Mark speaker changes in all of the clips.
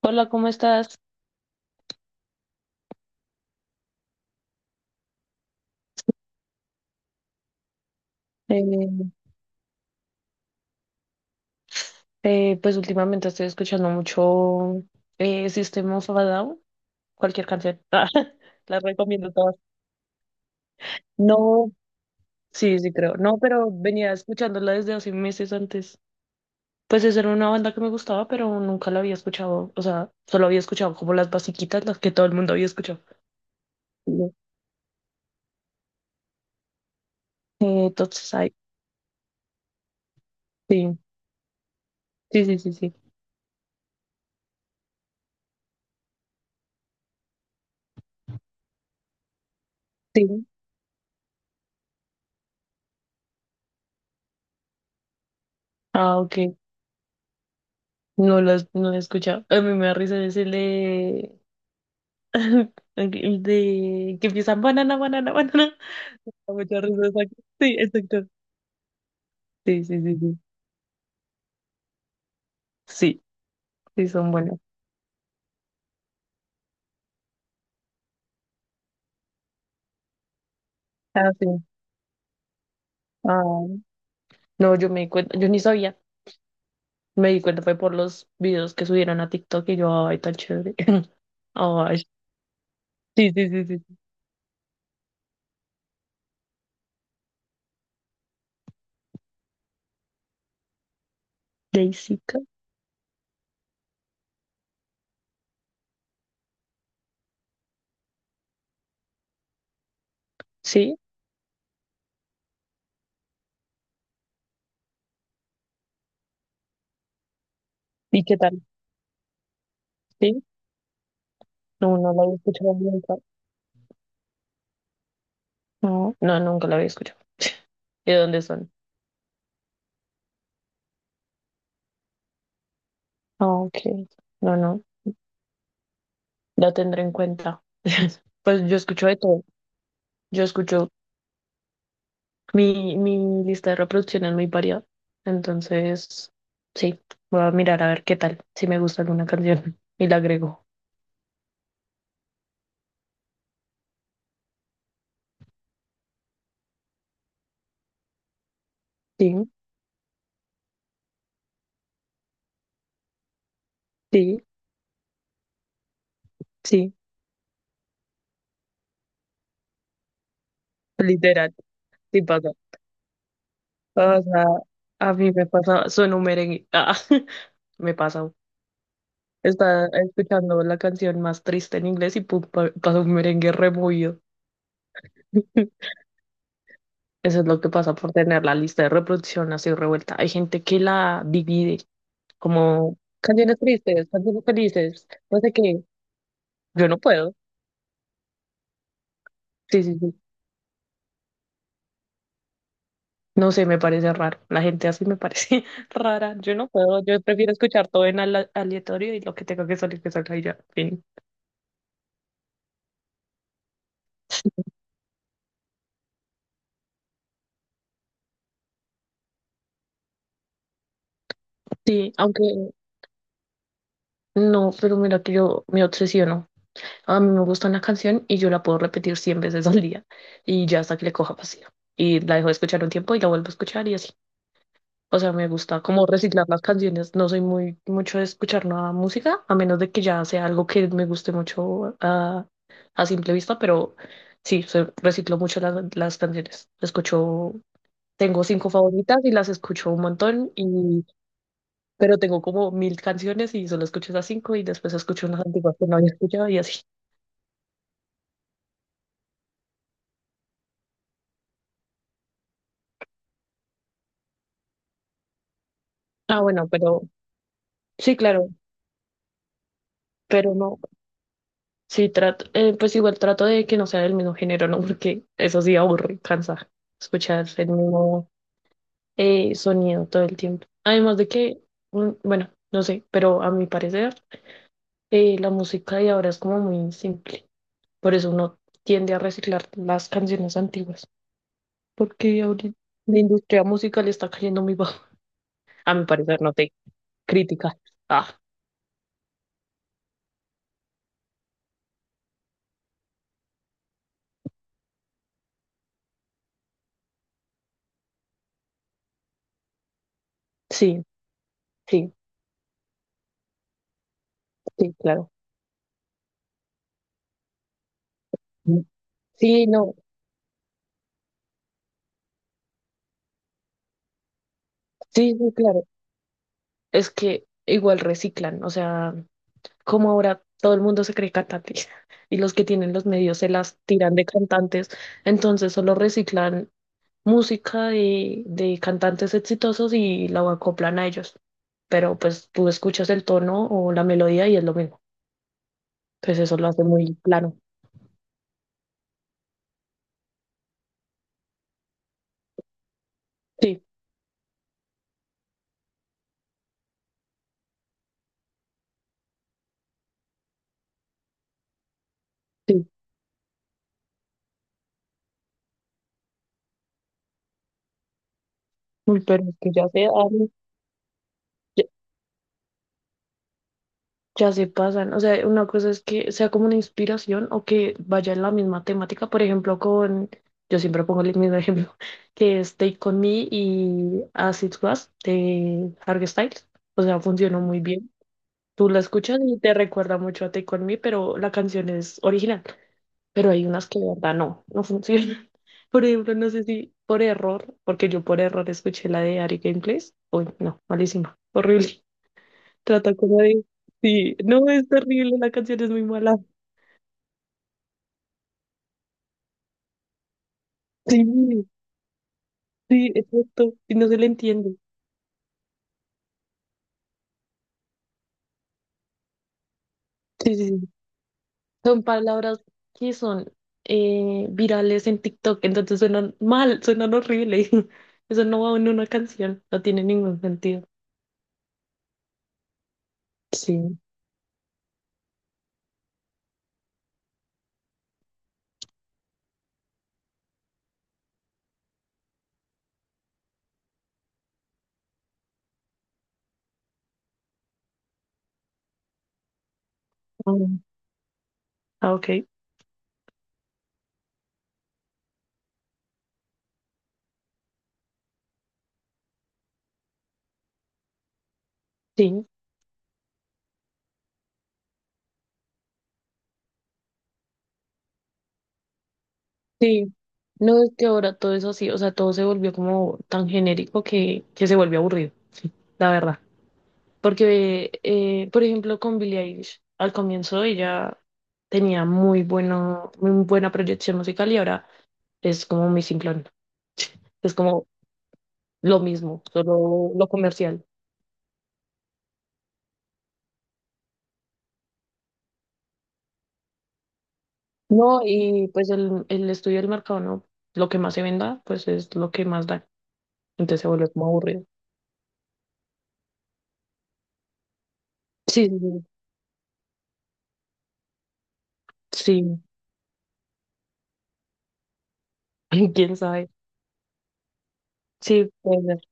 Speaker 1: Hola, ¿cómo estás? Eh, pues últimamente estoy escuchando mucho System of a Down, cualquier canción. Ah, la recomiendo todas. No, sí, sí creo. No, pero venía escuchándola desde hace meses antes. Pues esa era una banda que me gustaba, pero nunca la había escuchado. O sea, solo había escuchado como las basiquitas, las que todo el mundo había escuchado. No. Entonces, ay, sí, sí, sí, sí, sí. Sí. Ah, ok. No la he escuchado. A mí me da risa decirle de que empiezan banana, banana, banana. Da mucha risa esa- Sí, exacto. Sí, sí, sí, sí. Sí, sí, son buenas. Ah, sí. Ah, no, yo me di cuenta, yo ni sabía. Me di cuenta fue por los videos que subieron a TikTok y yo, ay, tan chévere. Ay, sí, sí, sí, sí, sí. Daisica. Sí. ¿Y qué tal? Sí. No, no la había escuchado nunca. No, no, nunca la había escuchado. ¿De dónde son? Ah, ok. No, no. La tendré en cuenta. Pues yo escucho de todo. Yo escucho mi lista de reproducción es muy variada, entonces sí, voy a mirar a ver qué tal, si me gusta alguna canción y la agrego. Sí, sí, sí, literal, sí pasa. O sea, a mí me pasa, suena un merengue, ah, me pasa. Está escuchando la canción más triste en inglés y pum, pasa un merengue removido. Eso es lo que pasa por tener la lista de reproducción así revuelta. Hay gente que la divide como canciones tristes, canciones felices, no sé qué. Yo no puedo. Sí, sí, sí. No sé, me parece raro. La gente así me parece rara. Yo no puedo. Yo prefiero escuchar todo en aleatorio y lo que tenga que salir, que salga y ya. Fin. Sí, aunque no, pero mira que yo me obsesiono. A mí me gusta una canción y yo la puedo repetir 100 veces al día y ya hasta que le coja pasión. Y la dejo de escuchar un tiempo y la vuelvo a escuchar y así. O sea, me gusta como reciclar las canciones. No soy muy mucho de escuchar nueva música, a menos de que ya sea algo que me guste mucho, a simple vista, pero sí, reciclo mucho las canciones. Tengo cinco favoritas y las escucho un montón, pero tengo como mil canciones y solo escucho esas cinco y después escucho unas antiguas que no había escuchado y así. Ah, bueno, pero sí, claro, pero no. Sí, pues igual trato de que no sea del mismo género, ¿no? Porque eso sí aburre, cansa escuchar el mismo sonido todo el tiempo. Además de que, bueno, no sé, pero a mi parecer, la música de ahora es como muy simple. Por eso uno tiende a reciclar las canciones antiguas, porque ahorita la industria musical está cayendo muy bajo. A mi parecer, no te critica. Ah, sí, sí, sí, claro. Sí, no, sí, sí, claro. Es que igual reciclan, o sea, como ahora todo el mundo se cree cantante y los que tienen los medios se las tiran de cantantes, entonces solo reciclan música de cantantes exitosos y la acoplan a ellos. Pero pues tú escuchas el tono o la melodía y es lo mismo. Pues eso lo hace muy plano. Sí, sí, uy, pero es que ya se habla. Ya se pasan. O sea, una cosa es que sea como una inspiración o que vaya en la misma temática. Por ejemplo, yo siempre pongo el mismo ejemplo, que es Take On Me y As It Was de Harry Styles. O sea, funcionó muy bien. Tú la escuchas y te recuerda mucho a Take On Me, pero la canción es original. Pero hay unas que de verdad no, no funcionan. Por ejemplo, no sé si por error, porque yo por error escuché la de Ari Gameplays. Uy, no, malísima, horrible. Trata como de. Sí, no, es terrible, la canción es muy mala. Sí, sí, exacto. Y no se le entiende. Sí, sí, sí. Son palabras que son virales en TikTok, entonces suenan mal, suenan horrible. Eso no va en una canción, no tiene ningún sentido. Sí. Mm. Ah, ok. Sí, sí. No, es que ahora todo es así, o sea, todo se volvió como tan genérico que se volvió aburrido, sí, la verdad. Porque, por ejemplo, con Billie Eilish, al comienzo ella tenía muy bueno, muy buena proyección musical y ahora es como mi simplón. Es como lo mismo, solo lo comercial. No, y pues el estudio del mercado, ¿no? Lo que más se venda, pues es lo que más da. Entonces se vuelve como aburrido. Sí, sí, sí. Quién sabe. Sí, puede ser.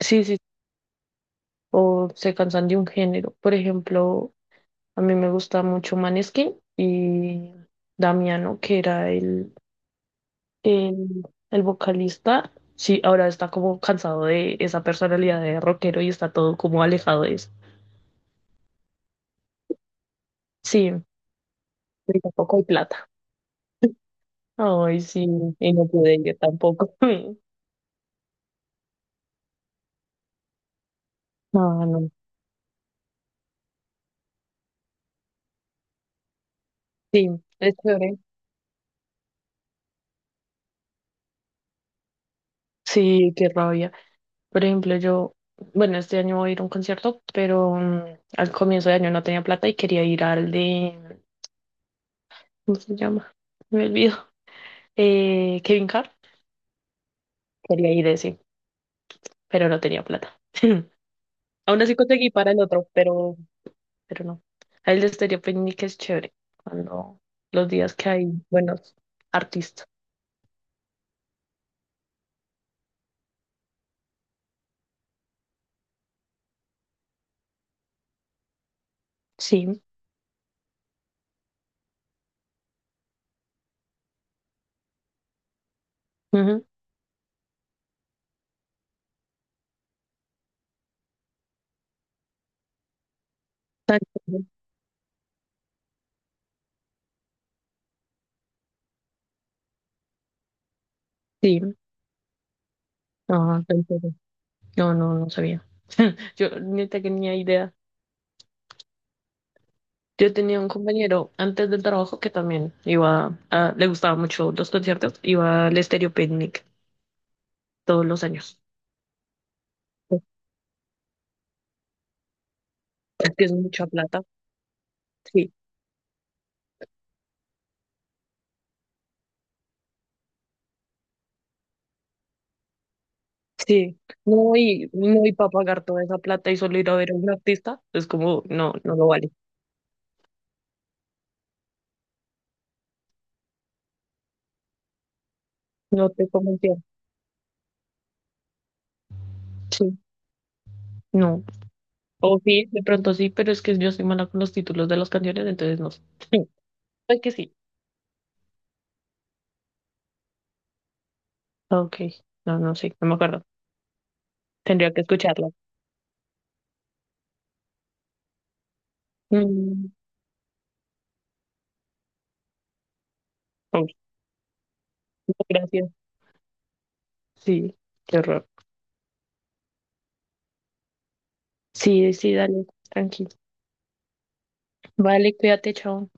Speaker 1: Sí, sí, sí. O se cansan de un género. Por ejemplo, a mí me gusta mucho Maneskin y Damiano, que era el, el vocalista. Sí, ahora está como cansado de esa personalidad de rockero y está todo como alejado de eso. Sí, pero tampoco hay plata. Ay, sí, y no pude ir tampoco. No, no. Sí, es chévere. Sí, qué rabia. Por ejemplo, yo, bueno, este año voy a ir a un concierto, pero al comienzo de año no tenía plata y quería ir al de, ¿cómo se llama? Me olvido. Kevin Hart, quería ir de ese, pero no tenía plata. Aún así conseguí para el otro, pero, no. A él de Estéreo Picnic es chévere, cuando los días que hay buenos artistas. Sí. Ujú, tan chévere. Sí. Ah, tan chévere. No, no, no sabía. Yo ni tenía idea. Yo tenía un compañero antes del trabajo que también le gustaba mucho los conciertos, iba al Estéreo Picnic todos los años. Es que es mucha plata. Sí. Sí, no, y para pagar toda esa plata y solo ir a ver a un artista, es como, no, no lo vale. No te convenció. Sí, no. O sí, de pronto sí, pero es que yo soy mala con los títulos de las canciones, entonces no sé. Sí, es que sí. Ok, no, no sé, no me acuerdo. Tendría que escucharla. Mm, uy, gracias. Sí, qué horror. Sí, sí, dale, tranqui. Vale, cuídate, chao.